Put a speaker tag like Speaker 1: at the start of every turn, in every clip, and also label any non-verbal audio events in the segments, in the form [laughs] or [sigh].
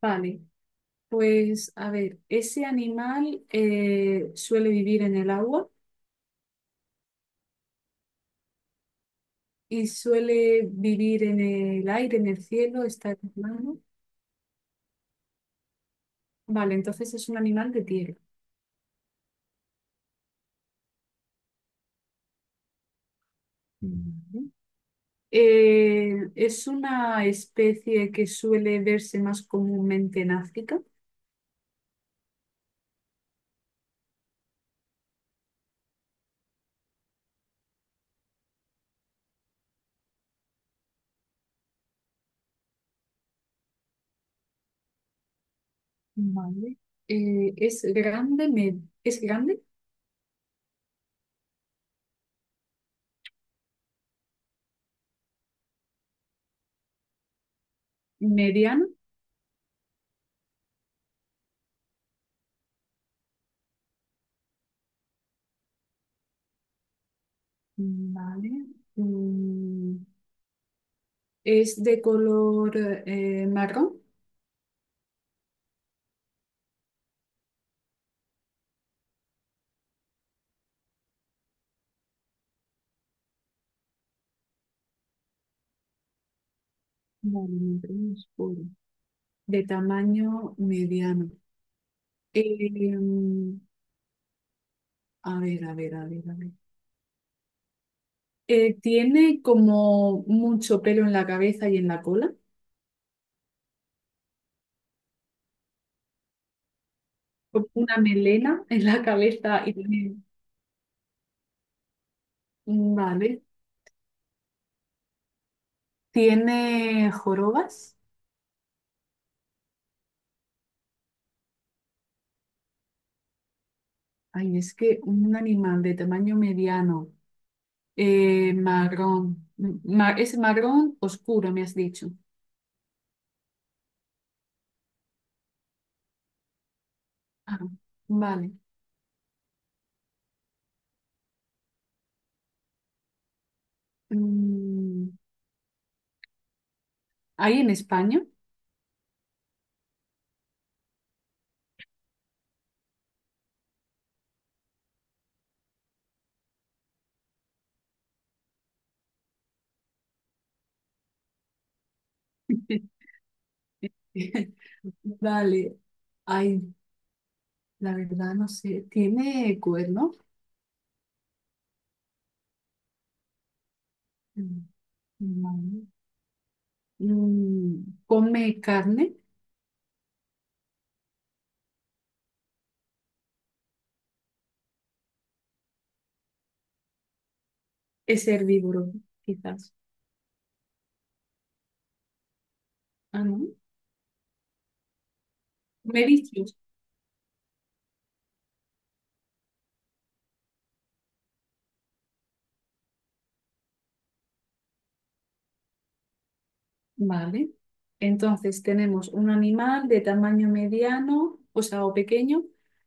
Speaker 1: Vale, pues a ver, ese animal suele vivir en el agua y suele vivir en el aire, en el cielo, está en el plano. Vale, entonces es un animal de tierra. Ujú. Es una especie que suele verse más comúnmente en África. Vale. Es grande, mediano. Vale. Mm, es de color marrón. Vale, marrón oscuro. De tamaño mediano. Em, a ver, a ver, a ver, a ver. Tiene como mucho pelo en la cabeza y en la cola. Como una melena [laughs] en la cabeza y también. Vale. Tiene jorobas. Ay, es que un animal de tamaño mediano, marrón. Es marrón oscuro, me has dicho. Ah, vale. Mm, ¿Hay en España? [laughs] Dale. Ay, la verdad no sé. ¿Tiene cuerno? Mm, No. Come carne. Es herbívoro, quizás. Ah, no. Mariscos. Vale. Entonces tenemos un animal de tamaño mediano, o sea, o pequeño,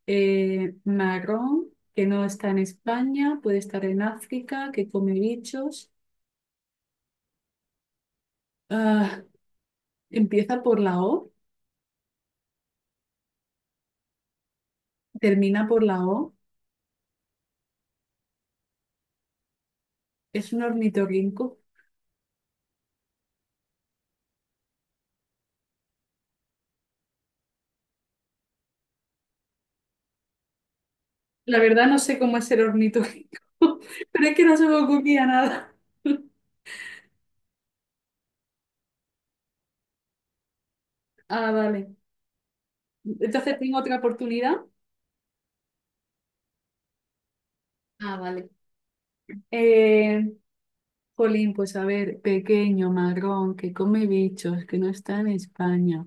Speaker 1: marrón, que no está en España, puede estar en África, que come bichos. Ah, empieza por la O, termina por la O. Es un ornitorrinco. La verdad no sé cómo es el ornitorrinco, [laughs] pero es que no se me ocurría nada. [laughs] Ah, vale. Entonces tengo otra oportunidad. Ah, vale. Eh, Jolín, pues a ver, pequeño, marrón, que come bichos, que no está en España,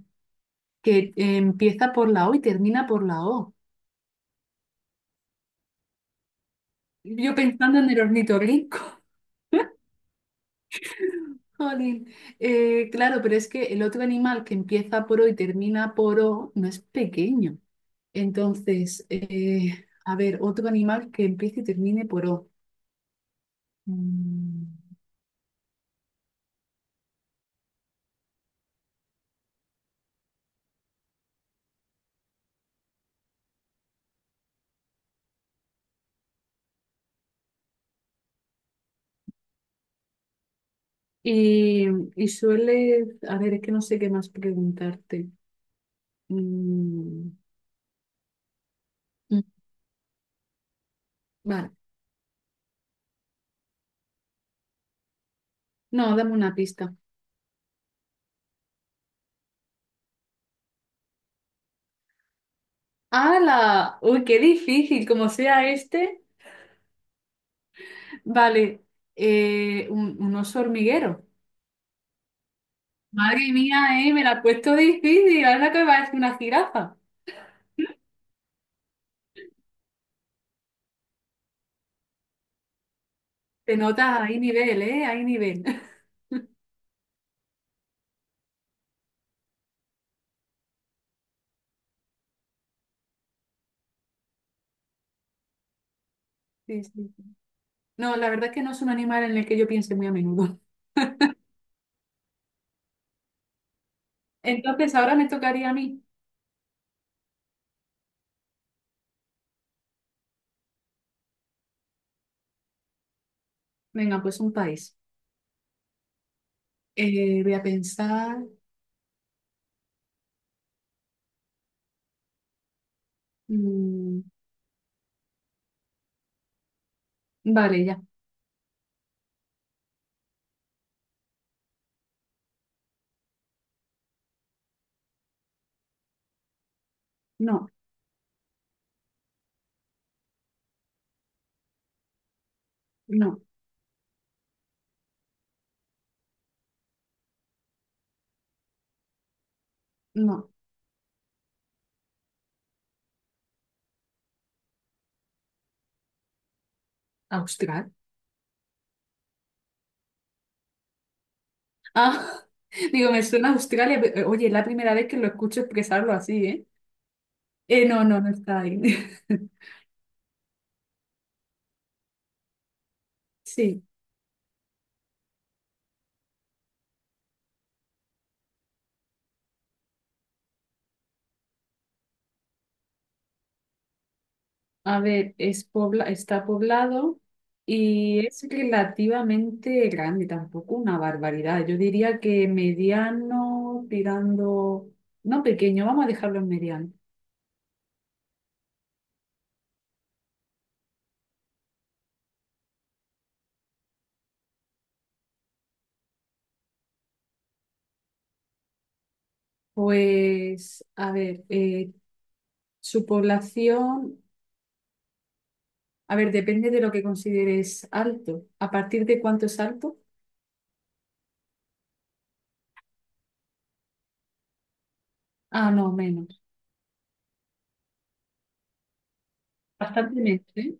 Speaker 1: que empieza por la O y termina por la O. Yo pensando en el ornitorrinco. Jolín. Claro, pero es que el otro animal que empieza por O y termina por O no es pequeño. Entonces, a ver, otro animal que empiece y termine por O. Mm, Y, y suele, a ver, es que no sé qué más preguntarte. Mm, mm, Vale, no, dame una pista. ¡Hala! ¡Uy, qué difícil! Como sea este. Vale, un oso hormiguero. Madre mía, me la has puesto difícil. Ahora que parece una jirafa. Te notas, hay nivel, ¿eh? Hay nivel. [laughs] Sí, sí, sí. No, la verdad es que no es un animal en el que yo piense muy a menudo. [laughs] Entonces, ahora me tocaría a mí. Venga, pues un país. Voy a pensar. mm, vale, ya. No, no, no. Austral. Ah, [laughs] digo, me suena a Australia. Pero, oye, es la primera vez que lo escucho expresarlo así, ¿eh? No, no, no está ahí. [laughs] Sí. A ver, es pobla, está poblado y es relativamente grande, tampoco una barbaridad. Yo diría que mediano, tirando, no pequeño, vamos a dejarlo en mediano. Pues, a ver, su población, a ver, depende de lo que consideres alto. ¿A partir de cuánto es alto? Ah, no, menos. Bastante menos, ¿eh?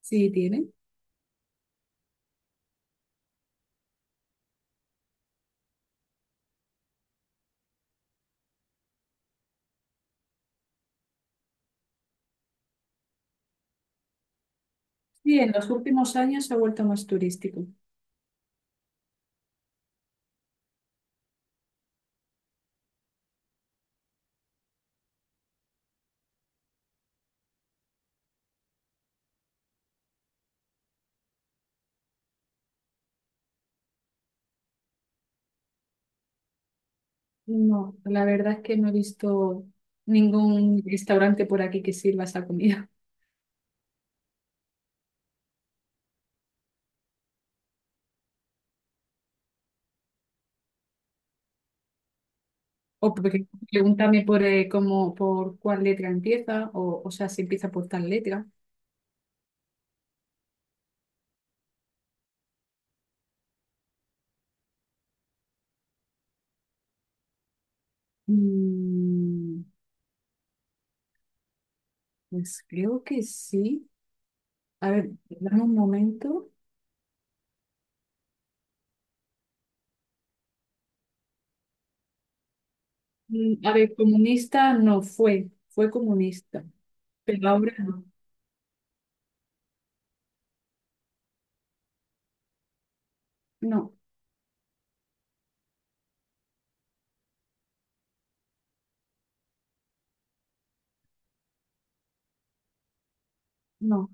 Speaker 1: Sí, tiene. Sí, en los últimos años se ha vuelto más turístico. No, la verdad es que no he visto ningún restaurante por aquí que sirva esa comida. [laughs] O por ejemplo, pregúntame por cómo, por cuál letra empieza, o sea, si empieza por tal letra. Mm, pues creo que sí. A ver, dame un momento. A ver, comunista no fue, fue comunista, pero ahora no. No, no,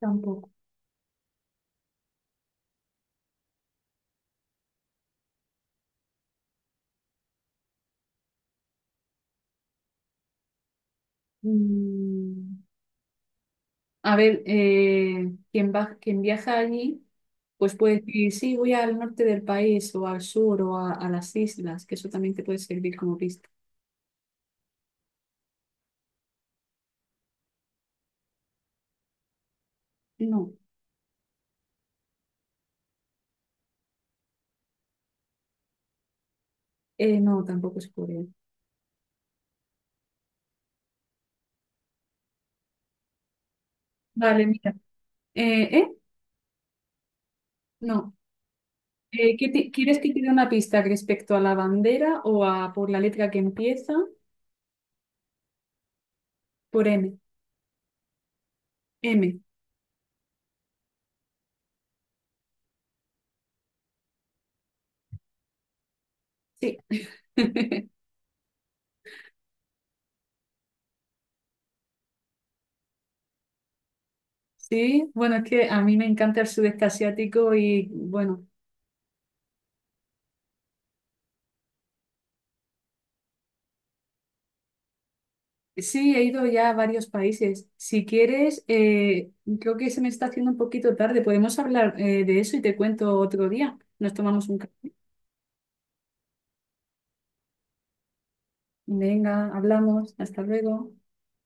Speaker 1: tampoco. Mm, A ver, quien va, quien viaja allí, pues puede decir, sí, voy al norte del país o al sur o a las islas, que eso también te puede servir como pista. No, no, tampoco es Corea. Vale, mira. ¿Eh? No. ¿Quieres que te dé una pista respecto a la bandera o a por la letra que empieza? Por M. M, sí. [laughs] Sí, bueno, es que a mí me encanta el sudeste asiático y bueno, sí, he ido ya a varios países. Si quieres, creo que se me está haciendo un poquito tarde. Podemos hablar de eso y te cuento otro día. Nos tomamos un café. Venga, hablamos. Hasta luego.